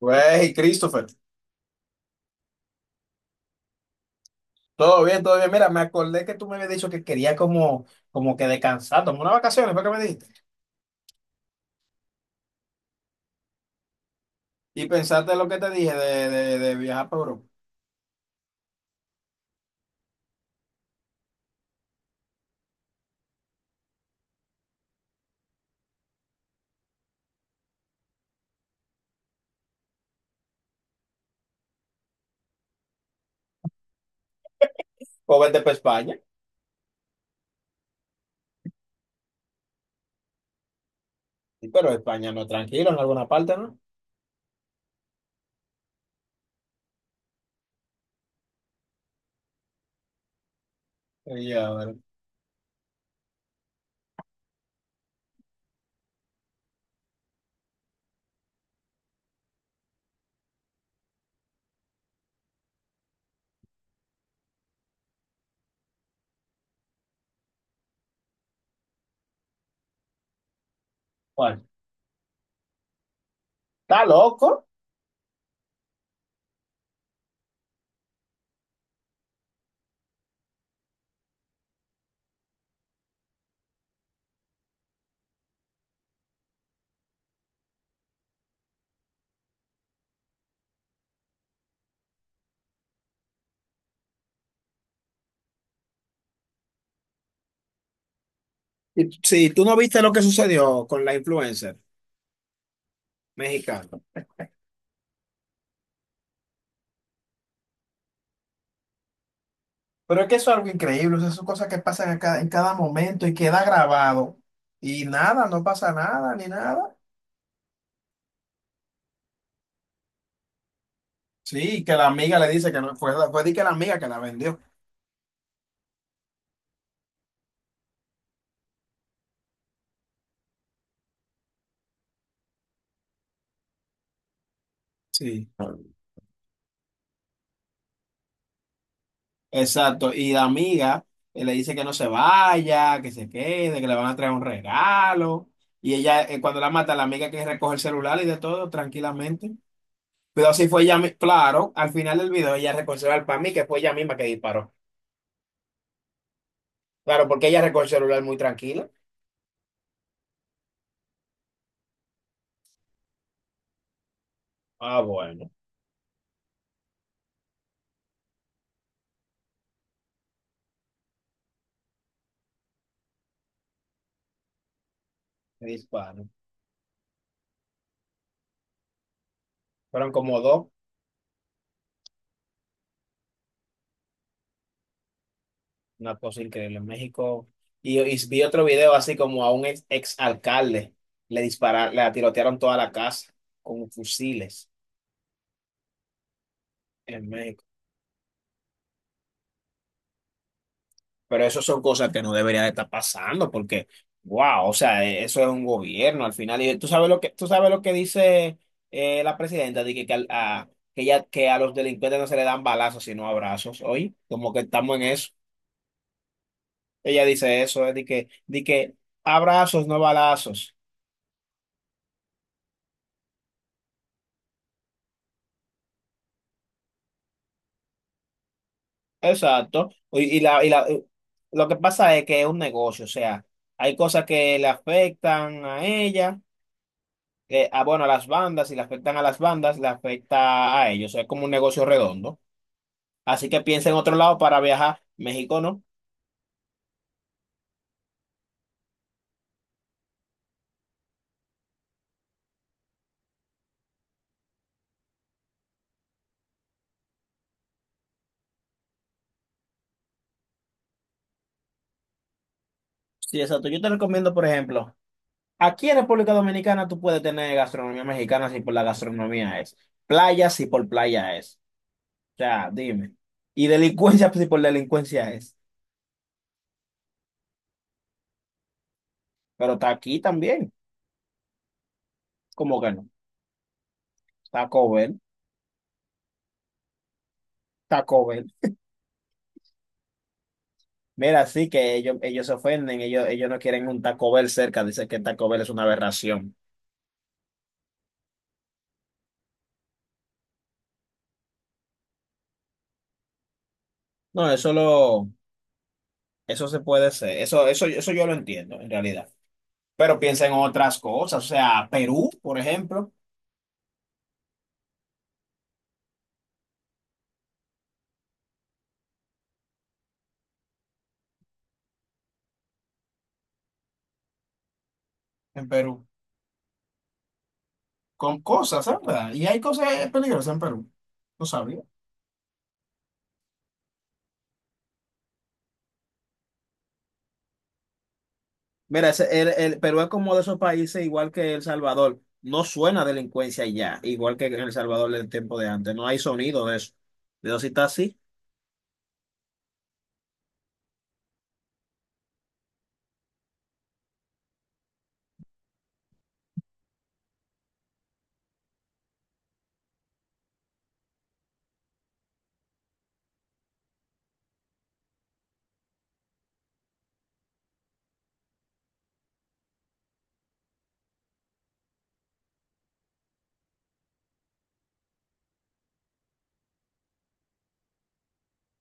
Güey, Christopher, todo bien, todo bien. Mira, me acordé que tú me habías dicho que quería como, como que descansar, tomar unas vacaciones, fue que me dijiste. Y pensaste en lo que te dije de viajar para Europa. O vete para España. Sí, pero España no, es tranquilo, en alguna parte, ¿no? Y a ver, ¿cuál? ¿Está loco? Sí, tú no viste lo que sucedió con la influencer mexicana. Pero es que eso es algo increíble, o sea, son cosas que pasan a en cada momento y queda grabado. Y nada, no pasa nada, ni nada. Sí, que la amiga le dice que no, fue di que la amiga que la vendió. Sí. Exacto, y la amiga le dice que no se vaya, que se quede, que le van a traer un regalo. Y ella, cuando la mata, la amiga que recoge el celular y de todo, tranquilamente. Pero así fue ella, claro, al final del video ella recogió el celular para mí, que fue ella misma que disparó. Claro, porque ella recogió el celular muy tranquila. Ah, bueno, que disparo. Fueron como dos. Una cosa increíble. En México. Y vi otro video así como a un ex, alcalde le dispararon, le tirotearon toda la casa con fusiles en México. Pero eso son cosas que no debería de estar pasando porque, wow, o sea, eso es un gobierno al final. Y tú sabes lo que, tú sabes lo que dice la presidenta, de que que, ya, que a los delincuentes no se le dan balazos, sino abrazos. Oye, como que estamos en eso. Ella dice eso, de que abrazos, no balazos. Exacto. Lo que pasa es que es un negocio, o sea, hay cosas que le afectan a ella, bueno, a las bandas, si le afectan a las bandas, le afecta a ellos, o sea, es como un negocio redondo. Así que piensa en otro lado para viajar, México no. Sí, exacto. Yo te recomiendo, por ejemplo, aquí en República Dominicana tú puedes tener gastronomía mexicana si por la gastronomía es, playa si por playa es, o sea, dime. Y delincuencia si por delincuencia es, pero está aquí también, como que no. Taco Bell. Taco Bell. Mira, sí que ellos se ofenden, ellos no quieren un Taco Bell cerca, dicen que Taco Bell es una aberración. No, eso se puede ser, eso yo lo entiendo en realidad. Pero piensa en otras cosas, o sea, Perú, por ejemplo, en Perú, con cosas, ¿sabes? Y hay cosas peligrosas en Perú, no sabía. Mira, el Perú es como de esos países igual que El Salvador, no suena delincuencia ya, igual que en El Salvador del tiempo de antes, no hay sonido de eso. Pero si está así.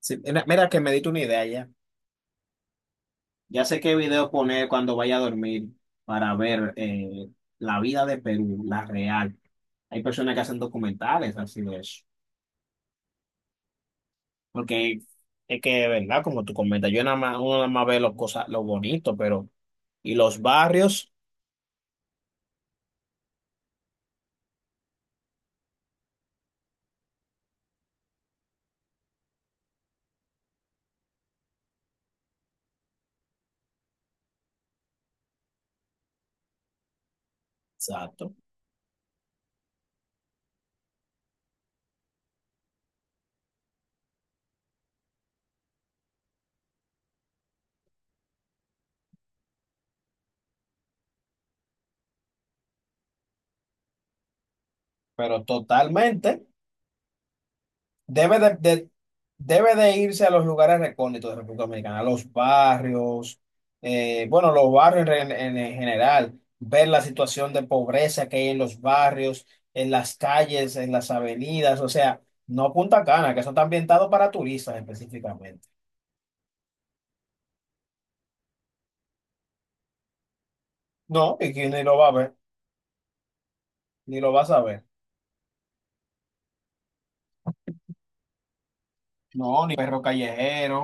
Sí, mira, mira que me diste una idea ya. Ya sé qué video poner cuando vaya a dormir para ver la vida de Perú, la real. Hay personas que hacen documentales así de eso. Porque es que, ¿verdad? Como tú comentas, yo nada más, uno nada más ve los cosas, lo bonito, pero. Y los barrios, exacto. Pero totalmente. Debe de, de- debe de irse a los lugares recónditos de República Dominicana, a los barrios, bueno, los barrios en general, ver la situación de pobreza que hay en los barrios, en las calles, en las avenidas, o sea, no Punta Cana, que eso está ambientado para turistas específicamente. No, y que ni lo va a ver, ni lo va a saber. No, ni perro callejero.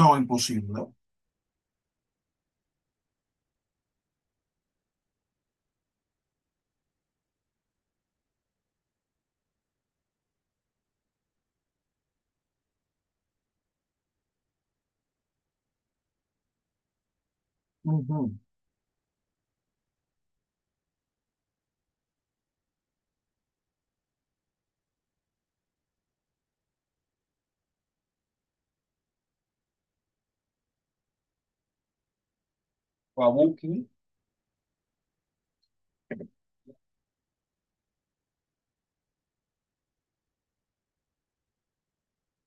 No, imposible. Ujú. Guabuki.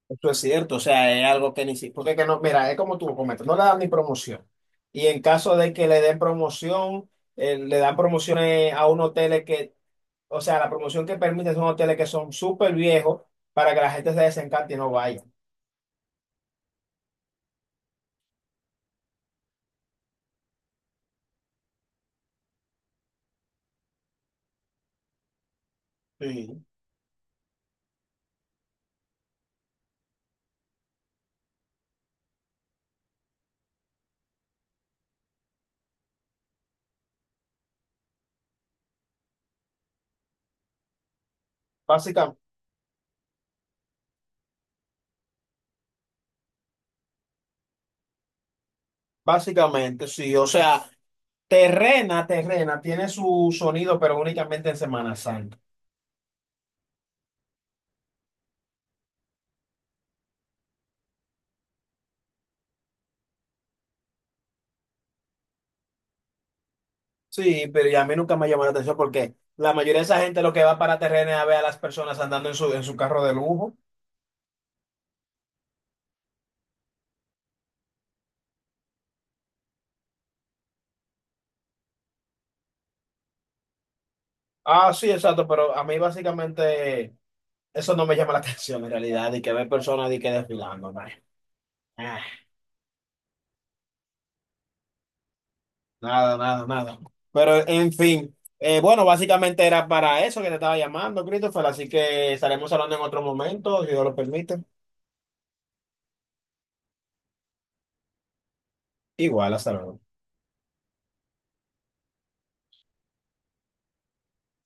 Eso es cierto, o sea, es algo que ni siquiera, porque que no, mira, es como tú comentas, no le dan ni promoción. Y en caso de que le den promoción, le dan promociones a unos hoteles que, o sea, la promoción que permite son hoteles que son súper viejos para que la gente se desencante y no vaya. Sí, básica- básicamente, sí, o sea, Terrena tiene su sonido, pero únicamente en Semana Santa. Sí, pero y a mí nunca me llamó la atención porque la mayoría de esa gente lo que va para Terrena es a ver a las personas andando en en su carro de lujo. Ah, sí, exacto, pero a mí básicamente eso no me llama la atención en realidad, y que ver personas y que desfilando, nah. Ah, nada. Pero en fin, bueno, básicamente era para eso que te estaba llamando, Christopher, así que estaremos hablando en otro momento, si Dios lo permite. Igual, hasta luego.